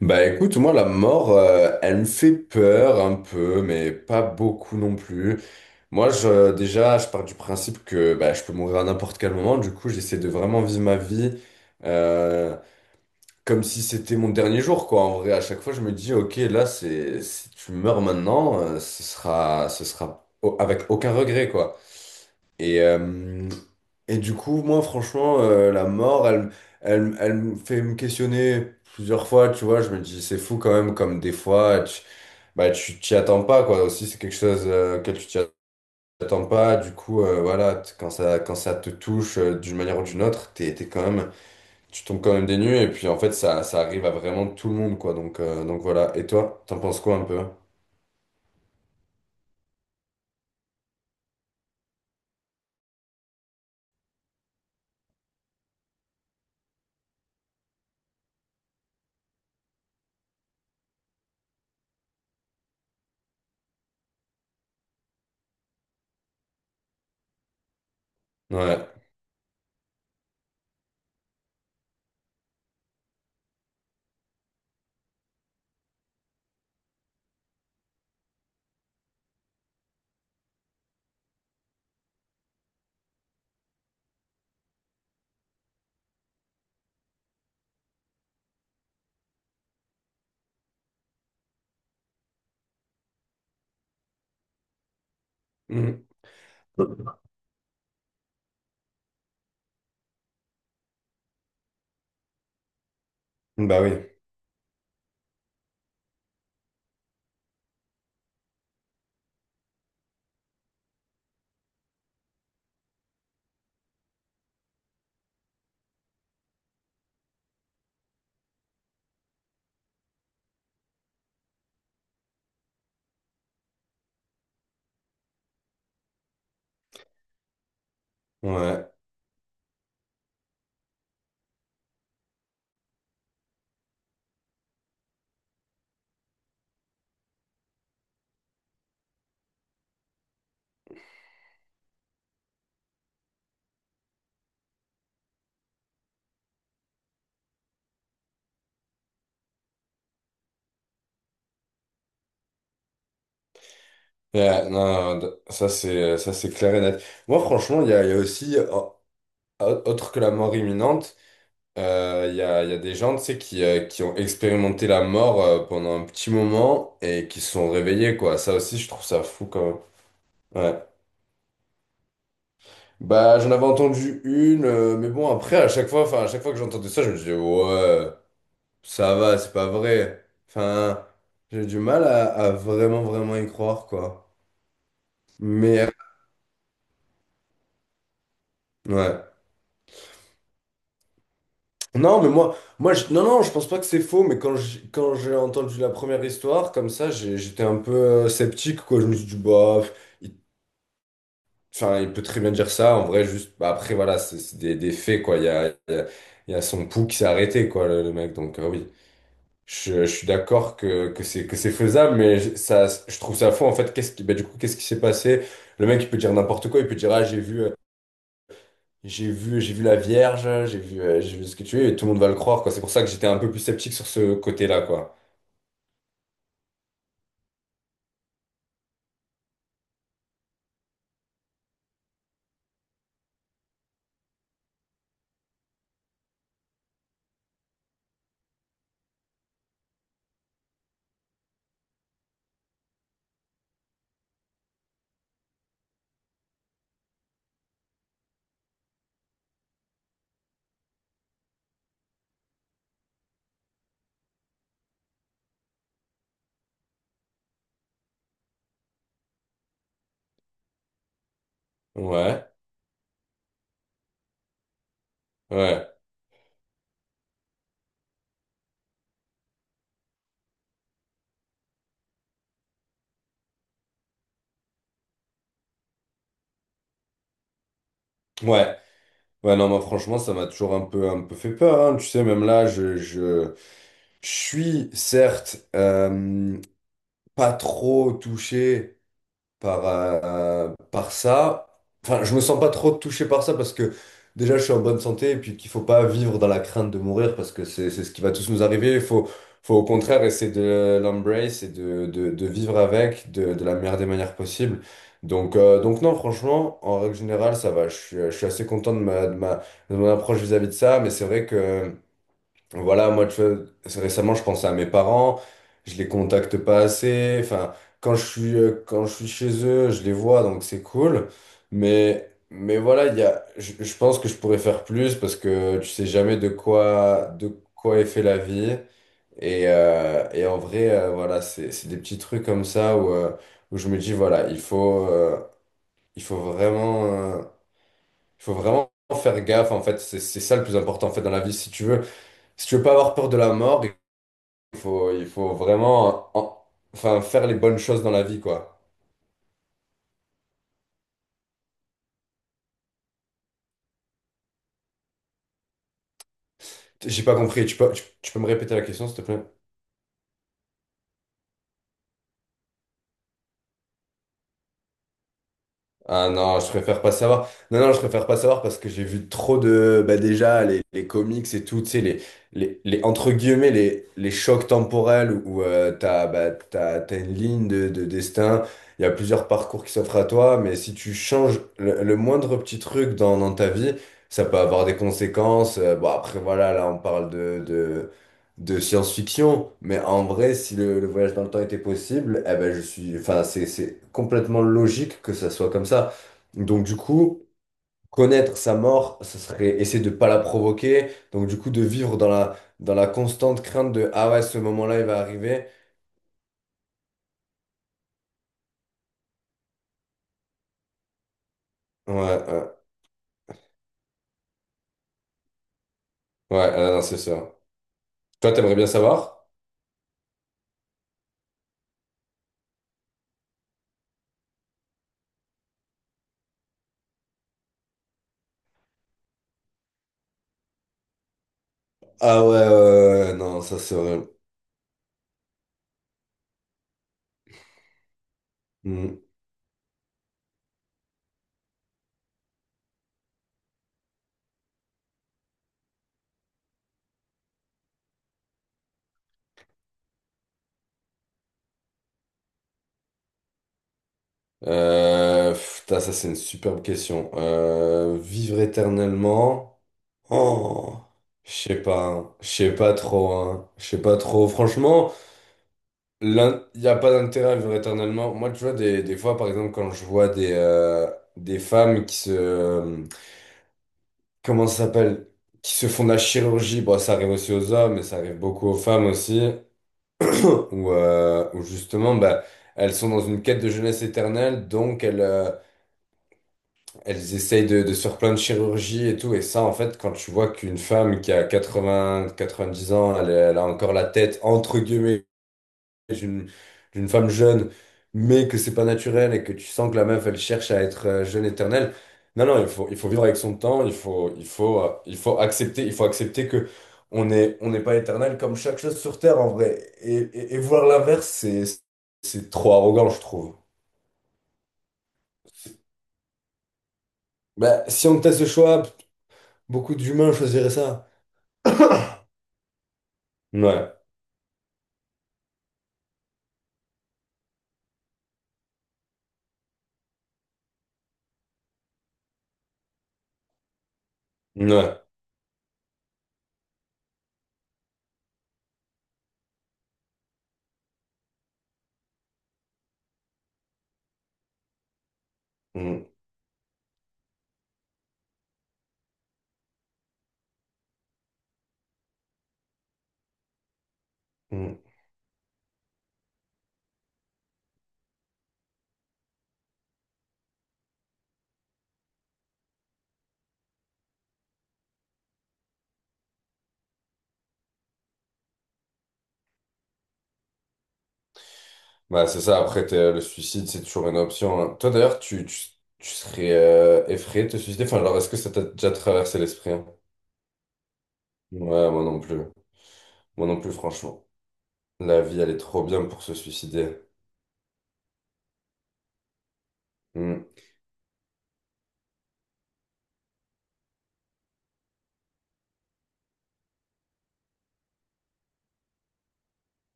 Bah écoute, moi la mort, elle me fait peur un peu, mais pas beaucoup non plus. Moi, déjà, je pars du principe que bah, je peux mourir à n'importe quel moment, du coup, j'essaie de vraiment vivre ma vie euh, comme si c'était mon dernier jour, quoi. En vrai, à chaque fois, je me dis, ok, là, si tu meurs maintenant, ce sera avec aucun regret, quoi. Et, euh, et du coup, moi, franchement, la mort, elle me fait me questionner plusieurs fois, tu vois. Je me dis, c'est fou quand même, comme des fois, bah, tu t'y attends pas, quoi. Aussi, c'est quelque chose que tu t'y attends pas. Du coup, voilà, quand ça te touche d'une manière ou d'une autre, t'es quand même, tu tombes quand même des nues. Et puis, en fait, ça arrive à vraiment tout le monde, quoi. Donc voilà. Et toi, t'en penses quoi un peu? Ouais. Mhm. Bah oui. Ouais. Ouais, non, non, ça c'est clair et net. Moi franchement, il y a aussi autre que la mort imminente, il y a des gens tu sais qui ont expérimenté la mort pendant un petit moment et qui se sont réveillés quoi. Ça aussi je trouve ça fou quand même. Ouais. Bah j'en avais entendu une, mais bon après à chaque fois, enfin à chaque fois que j'entendais ça, je me disais ouais ça va, c'est pas vrai. Enfin j'ai du mal à vraiment vraiment y croire quoi. Mais ouais. Non, mais moi non, non, je pense pas que c'est faux, mais quand j'ai entendu la première histoire, comme ça, j'étais un peu sceptique, quoi. Je me suis dit, bah, pff, il, enfin, il peut très bien dire ça, en vrai, juste, bah, après, voilà, c'est des, faits, quoi. Il y a, il y a, il y a son pouls qui s'est arrêté, quoi, le mec, donc, oui. Je suis d'accord que c'est faisable, mais ça, je trouve ça faux, en fait. Qu'est-ce qui, bah, du coup, qu'est-ce qui s'est passé? Le mec, il peut dire n'importe quoi, il peut dire, ah, j'ai vu la Vierge, j'ai vu ce que tu es, et tout le monde va le croire, quoi. C'est pour ça que j'étais un peu plus sceptique sur ce côté-là, quoi. Ouais, ouais, ouais. Ouais, non, moi, franchement, ça m'a toujours un peu fait peur, hein. Tu sais, même là, je suis, certes, pas trop touché par ça. Enfin, je me sens pas trop touché par ça parce que déjà je suis en bonne santé et puis qu'il faut pas vivre dans la crainte de mourir parce que c'est ce qui va tous nous arriver. Il faut au contraire essayer de l'embrace et de, vivre avec de la meilleure des manières possibles. Donc non, franchement, en règle générale, ça va. Je suis assez content de mon approche vis-à-vis de ça, mais c'est vrai que. Voilà, moi, tu vois, récemment, je pensais à mes parents, je les contacte pas assez. Enfin, quand je suis chez eux, je les vois, donc c'est cool. Mais, voilà, je pense que je pourrais faire plus parce que tu sais jamais de quoi est fait la vie. Et en vrai, voilà, c'est des petits trucs comme ça où je me dis, voilà, il faut vraiment, euh, il faut vraiment faire gaffe, en fait. C'est ça le plus important, en fait, dans la vie. Si tu veux pas avoir peur de la mort, il faut vraiment enfin, faire les bonnes choses dans la vie, quoi. J'ai pas compris. Tu peux me répéter la question, s'il te plaît? Ah non, je préfère pas savoir. Non, non, je préfère pas savoir parce que j'ai vu trop de. Bah déjà, les comics et tout, tu sais, entre guillemets, les chocs temporels où t'as une ligne de destin, il y a plusieurs parcours qui s'offrent à toi, mais si tu changes le moindre petit truc dans ta vie, ça peut avoir des conséquences. Bon, après, voilà, là, on parle de, de science-fiction, mais en vrai, si le voyage dans le temps était possible, eh ben enfin c'est complètement logique que ça soit comme ça. Donc du coup, connaître sa mort, ce serait essayer de pas la provoquer. Donc du coup, de vivre dans la constante crainte de ah ouais, ce moment-là, il va arriver. Ouais, ouais, ouais, non, c'est ça. Toi, t'aimerais bien savoir? Ah ouais, ouais, ouais, ouais, non, ça c'est vrai. Hmm. Pff, putain, ça c'est une superbe question. Vivre éternellement. Oh, je sais pas, hein. Je sais pas trop, hein. Je sais pas trop. Franchement, il n'y a pas d'intérêt à vivre éternellement. Moi, tu vois, des fois, par exemple, quand je vois des femmes. Comment ça s'appelle? Qui se font de la chirurgie. Bon, ça arrive aussi aux hommes, mais ça arrive beaucoup aux femmes aussi. Où justement, bah, elles sont dans une quête de jeunesse éternelle, donc Elles essayent de se faire plein de chirurgies et tout. Et ça, en fait, quand tu vois qu'une femme qui a quatre-vingt-dix ans, elle a encore la tête, entre guillemets, d'une, d'une femme jeune, mais que c'est pas naturel et que tu sens que la meuf, elle cherche à être jeune éternelle. Non, non, il faut vivre avec son temps. Il faut accepter, il faut accepter, que on n'est pas éternel comme chaque chose sur Terre, en vrai. Et voir l'inverse, c'est trop arrogant, je trouve. Bah, si on me laisse le choix, beaucoup d'humains choisiraient ça. Ouais, ouais. Mm, mm. Bah, c'est ça, après, le suicide, c'est toujours une option. Hein. Toi, d'ailleurs, tu serais effrayé de te suicider. Enfin, genre, est-ce que ça t'a déjà traversé l'esprit? Hein? Ouais, moi non plus. Moi non plus, franchement. La vie, elle est trop bien pour se suicider. Mm.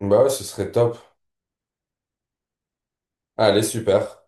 Bah ouais, ce serait top. Allez, super.